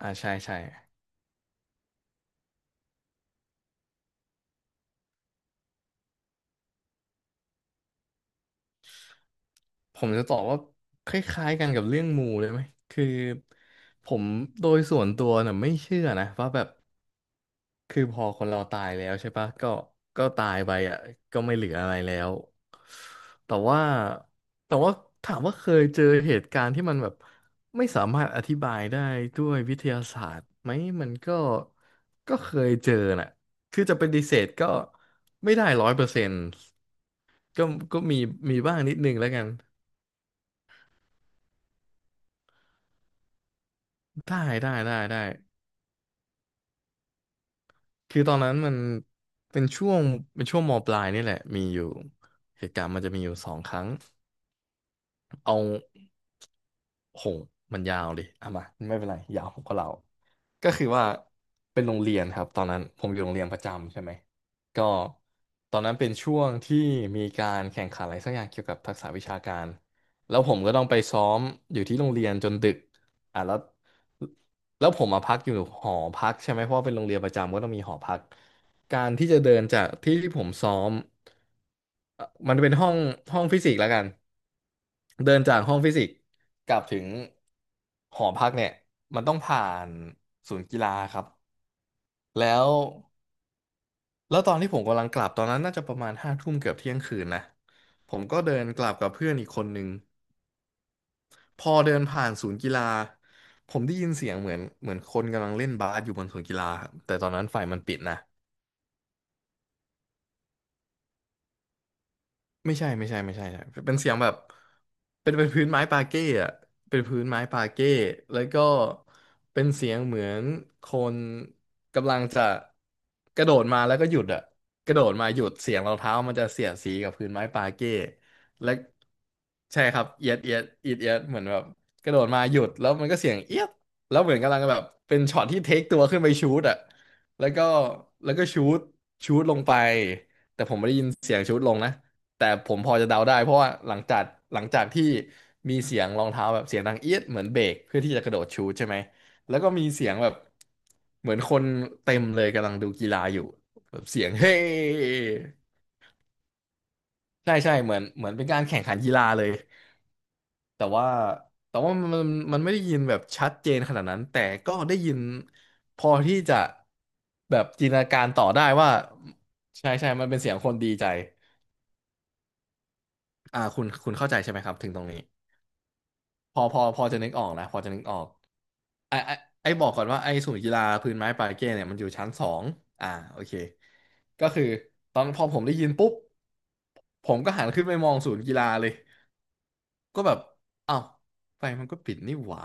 อ่าใช่ใช่ผมจะตอบว่าคล้ายๆกันกับเรื่องมูเลยไหมคือผมโดยส่วนตัวน่ะไม่เชื่อนะว่าแบบคือพอคนเราตายแล้วใช่ปะก็ตายไปอ่ะก็ไม่เหลืออะไรแล้วแต่ว่าแต่ว่าถามว่าเคยเจอเหตุการณ์ที่มันแบบไม่สามารถอธิบายได้ด้วยวิทยาศาสตร์ไหมมันก็เคยเจอน่ะคือจะปฏิเสธก็ไม่ได้100%ก็ก็มีบ้างนิดนึงแล้วกัน ได้ได้ได้ได้คือตอนนั้นมันเป็นช่วงเป็นช่วงมปลายนี่แหละมีอยู่เหตุการณ์มันจะมีอยู่สองครั้ง เอาโหงมันยาวดิเอามาไม่เป็นไรยาวผมก็เล่าก็คือว่าเป็นโรงเรียนครับตอนนั้นผมอยู่โรงเรียนประจำใช่ไหมก็ตอนนั้นเป็นช่วงที่มีการแข่งขันอะไรสักอย่างเกี่ยวกับทักษะวิชาการแล้วผมก็ต้องไปซ้อมอยู่ที่โรงเรียนจนดึกอ่ะแล้วแล้วผมมาพักอยู่หอพักใช่ไหมเพราะว่าเป็นโรงเรียนประจำก็ต้องมีหอพักการที่จะเดินจากที่ที่ผมซ้อมมันเป็นห้องฟิสิกส์แล้วกัน เดินจากห้องฟิสิกส์กลับถึงหอพักเนี่ยมันต้องผ่านศูนย์กีฬาครับแล้วแล้วตอนที่ผมกำลังกลับตอนนั้นน่าจะประมาณห้าทุ่มเกือบเที่ยงคืนนะผมก็เดินกลับกับเพื่อนอีกคนนึงพอเดินผ่านศูนย์กีฬาผมได้ยินเสียงเหมือนคนกำลังเล่นบาสอยู่บนศูนย์กีฬาครับแต่ตอนนั้นไฟมันปิดนะ ไม่ใช่ไม่ใช่ไม่ใช่ใช่เป็นเสียงแบบเป็นพื้นไม้ปาเก้อะเป็นพื้นไม้ปาเก้แล้วก็เป็นเสียงเหมือนคนกำลังจะกระโดดมาแล้วก็หยุดอะกระโดดมาหยุดเสียงรองเท้ามันจะเสียดสีกับพื้นไม้ปาเก้และใช่ครับเอียดเอียดเอียดเอียดเหมือนแบบกระโดดมาหยุดแล้วมันก็เสียงเอียดแล้วเหมือนกำลังแบบเป็นช็อตที่เทคตัวขึ้นไปชูตอะแล้วก็แล้วก็ชูตลงไปแต่ผมไม่ได้ยินเสียงชูตลงนะ แต่ผมพอจะเดาได้เพราะว่าหลังจากที่มีเสียงรองเท้าแบบเสียงดังเอี๊ยดเหมือนเบรกเพื่อที่จะกระโดดชูตใช่ไหมแล้วก็มีเสียงแบบเหมือนคนเต็มเลยกำลังดูกีฬาอยู่แบบเสียงเฮ้ใช่ใช่เหมือนเป็นการแข่งขันกีฬาเลยแต่ว่าแต่ว่ามันไม่ได้ยินแบบชัดเจนขนาดนั้นแต่ก็ได้ยินพอที่จะแบบจินตนาการต่อได้ว่าใช่ใช่มันเป็นเสียงคนดีใจคุณเข้าใจใช่ไหมครับถึงตรงนี้ พอจะนึกออกนะพอจะนึกออกไอไอไอบอกก่อนว่าไอศูนย์กีฬาพื้นไม้ปาเก้เนี่ยมันอยู่ชั้นสองอ่าโอเคก็คือตอนพอผมได้ยินปุ๊บผมก็หันขึ้นไปมองศูนย์กีฬาเลย ก็แบบอ้าวไฟมันก็ปิดนี่หว่า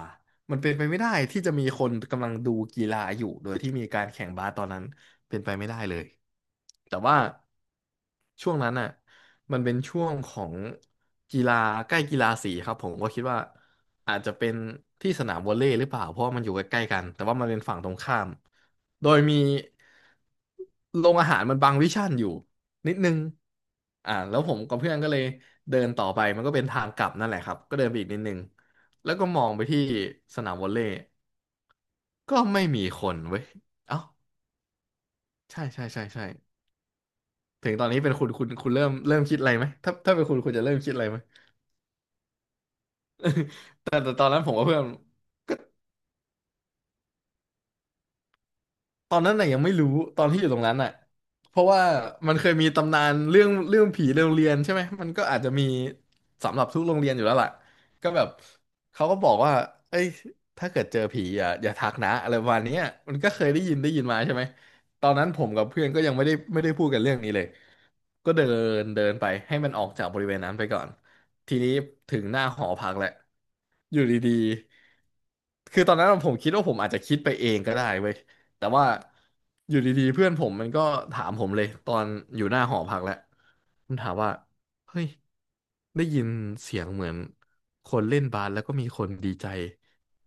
มันเป็นไปไม่ได้ที่จะมีคนกำลังดูกีฬาอยู่โดยที่มีการแข่งบาสตอนนั้นเป็นไปไม่ได้เลย แต่ว่าช่วงนั้นน่ะ มันเป็นช่วงของกีฬาใกล้กีฬาสีครับผมก็คิดว่าอาจจะเป็นที่สนามวอลเลย์หรือเปล่าเพราะว่ามันอยู่ใกล้ๆกันแต่ว่ามันเป็นฝั่งตรงข้าม โดยมีโรงอาหารมันบังวิชั่นอยู่ นิดนึงแล้วผมกับเพื่อนก็เลยเดินต่อไปมันก็เป็นทางกลับนั่นแหละครับก็เดินไปอีกนิดนึง แล้วก็มองไปที่สนามวอลเลย์ก็ไม่มีคนเว้ย เอ้าใช่ใช่ใช่ใช่ถึงตอนนี้เป็นคุณคุณเริ่มคิดอะไรไหมถ้าเป็นคุณจะเริ่มคิดอะไรไหมแต่ตอนนั้นผมกับเพื่อน ตอนนั้นน่ะยังไม่รู้ตอนที่อยู่ตรงนั้นน่ะเพราะว่ามันเคยมีตำนานเรื่องผีในโรงเรียนใช่ไหมมันก็อาจจะมีสำหรับทุกโรงเรียนอยู่แล้วล่ะก็แบบเขาก็บอกว่าเอ้ยถ้าเกิดเจอผีอย่าทักนะอะไรประมาณเนี้ยมันก็เคยได้ยินมาใช่ไหมตอนนั้นผมกับเพื่อนก็ยังไม่ได้พูดกันเรื่องนี้เลยก็เดินเดินไปให้มันออกจากบริเวณนั้นไปก่อนทีนี้ถึงหน้าหอพักแหละอยู่ดีๆคือตอนนั้นผมคิดว่าผมอาจจะคิดไปเองก็ได้เว้ย แต่ว่าอยู่ดีๆเพื่อนผมมันก็ถามผมเลยตอนอยู่หน้าหอพักแหละมันถามว่าเฮ้ยได้ยินเสียงเหมือนคนเล่นบาสแล้วก็มีคนดีใจ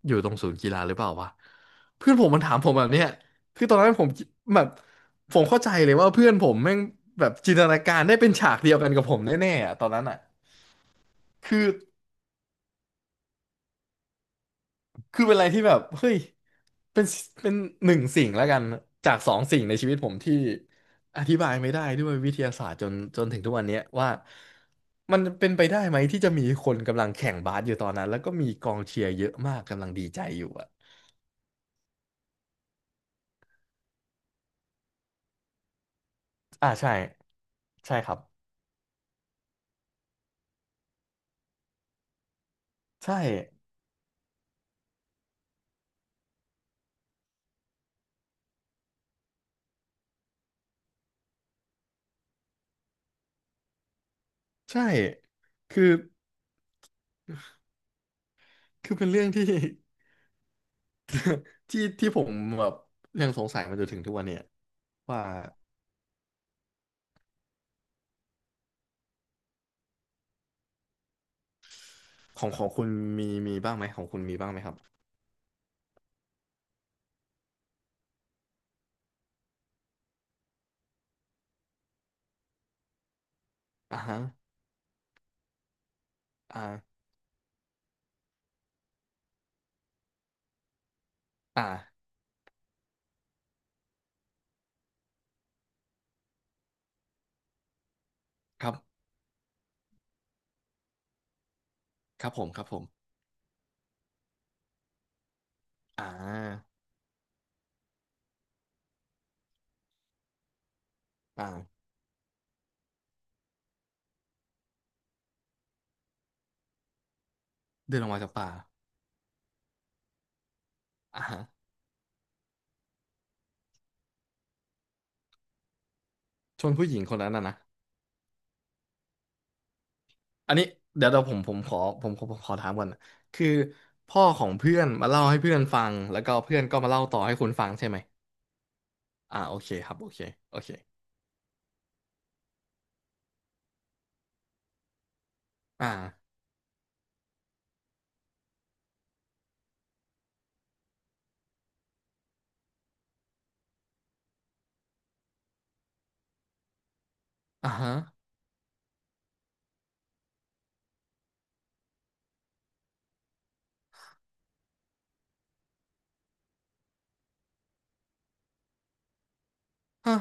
อยู่ตรงศูนย์กีฬาหรือเปล่าวะเพื่อนผมมันถามผมแบบเนี้ยคือตอนนั้นผมแบบผมเข้าใจเลยว่าเพื่อนผมแม่งแบบจินตนาการได้เป็นฉากเดียวกันกับผมแน่ๆอะตอนนั้นอ่ะคือ คือเป็นอะไรที่แบบเฮ้ยเป็นเป็นหนึ่งสิ่งแล้วกันจากสองสิ่งในชีวิตผมที่อธิบายไม่ได้ด้วยวิทยาศาสตร์จนถึงทุกวันเนี้ยว่ามันเป็นไปได้ไหมที่จะมีคนกำลังแข่งบาสอยู่ตอนนั้นแล้วก็มีกองเชียร์เยอะมากกำลังดีใจอยู่อะอ่าใช่ใช่ครับใช่ใช่คือคือเป็นเรื่องที่ ที่ที่ผมแบบยังสงสัยมาจนถึงทุกวันเนี่ยว่าของคุณมีบ้างไหมของคุณมีบ้างไหมครับอ่าฮะอ่าอ่า ครับ ครับผมครับผมอ่าอ่าเดินออกมาจากป่าอ่าฮะชนผู้หญิงคนนั้นนะนะอันนี้เดี๋ยวเราผมผมขอผมผมผมขอถามก่อนนะคือพ่อของเพื่อนมาเล่าให้เพื่อนฟังแล้วก็เพื่อนก็มาเล่าต่อให้คุณฟังใช่ไหมอ่าโอเคครับโอเคโอเคอ่าอ่าฮะฮะ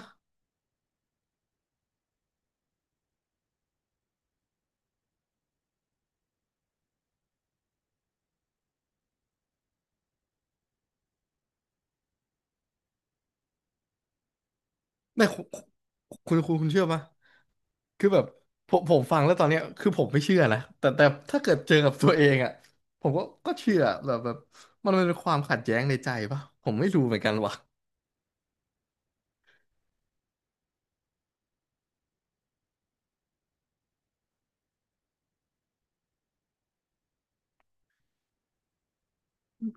ไม่คุณเชื่อปะคือแบบผมฟังแล้วตอนเนี้ยคือผมไม่เชื่อนะแต่ถ้าเกิดเจอกับตัวเองอ่ะผมก็เชื่อแบบมันเป็นความขัดแย้งในใจปะผมไม่รู้เหมือนกันว่ะ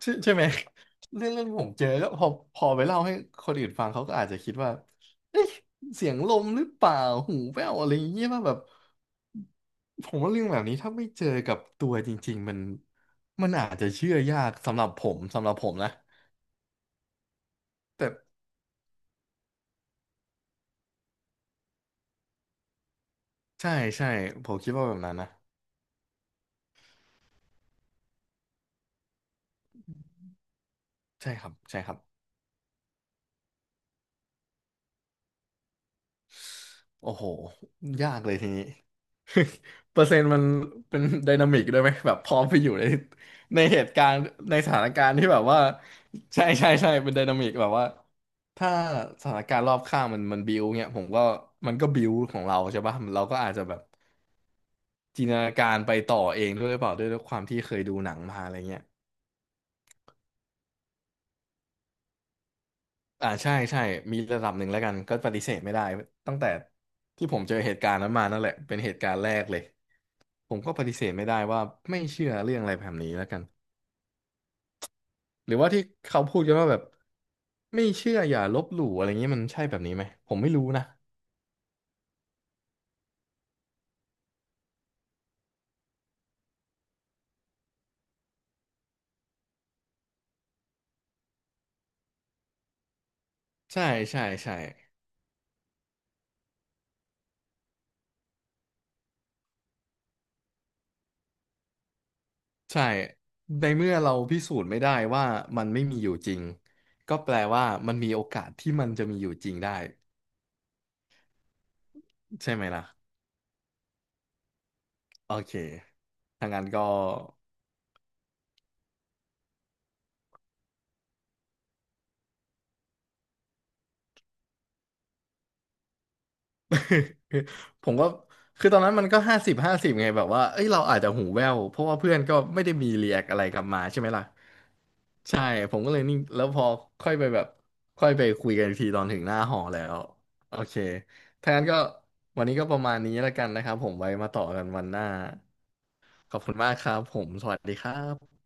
ใช่ใช่ไหมเรื่องที่ผมเจอก็พอไปเล่าให้คนอื่นฟังเขาก็อาจจะคิดว่าเอ๊ะเสียงลมหรือเปล่าหูแว่วอะไรอย่างเงี้ยป่ะแบบผมว่าเรื่องแบบนี้ถ้าไม่เจอกับตัวจริงๆมันอาจจะเชื่อยากสำหรับผมสำหรับผมนะแต่ ใช่ใช่ผมคิดว่าแบบนั้นนะใช่ครับใช่ครับโอ้โหยากเลยทีนี้ เปอร์เซ็นต์มันเป็นไดนามิกด้วยไหมแบบพร้อมไปอยู่ใน ในเหตุการณ์ในสถานการณ์ที่แบบว่าใช่ใช่ใช่เป็นไดนามิกแบบว่าถ้าสถานการณ์รอบข้างมันบิวเงี้ยผมก็มันก็บิวของเราใช่ป่ะเราก็อาจจะแบบจินตนาการไปต่อเองด้วยหรือเปล่าด้วยความที่เคยดูหนังมาอะไรเงี้ย อ่าใช่ใช่มีระดับหนึ่งแล้วกันก็ปฏิเสธไม่ได้ตั้งแต่ที่ผมเจอเหตุการณ์นั้นมานั่นแหละเป็นเหตุการณ์แรกเลยผมก็ปฏิเสธไม่ได้ว่าไม่เชื่อเรื่องอะไรแบบนี้แล้วกันหรือว่าที่เขาพูดกันว่าแบบไม่เชื่ออย่าลบหลู่อะไรเงี้ยมันใช่แบบนี้ไหมผมไม่รู้นะใช่ใช่ใช่ใช่ในเมื่อเราพิสูจน์ไม่ได้ว่ามันไม่มีอยู่จริงก็แปลว่ามันมีโอกาสที่มันจะมีอยู่จริงได้ใช่ไหมล่ะโอเคถ้างั้นก็ คือผมก็คือตอนนั้นมันก็50/50ไงแบบว่าเอ้ยเราอาจจะหูแว่วเพราะว่าเพื่อนก็ไม่ได้มีรีแอคอะไรกลับมาใช่ไหมล่ะใช่ผมก็เลยนิ่งแล้วพอค่อยไปแบบค่อยไปคุยกันอีกทีตอนถึงหน้าหอแล้วโอเคถ้างั้นก็วันนี้ก็ประมาณนี้แล้วกันนะครับผมไว้มาต่อกันวันหน้าขอบคุณมากครับผมสวัสดีครับ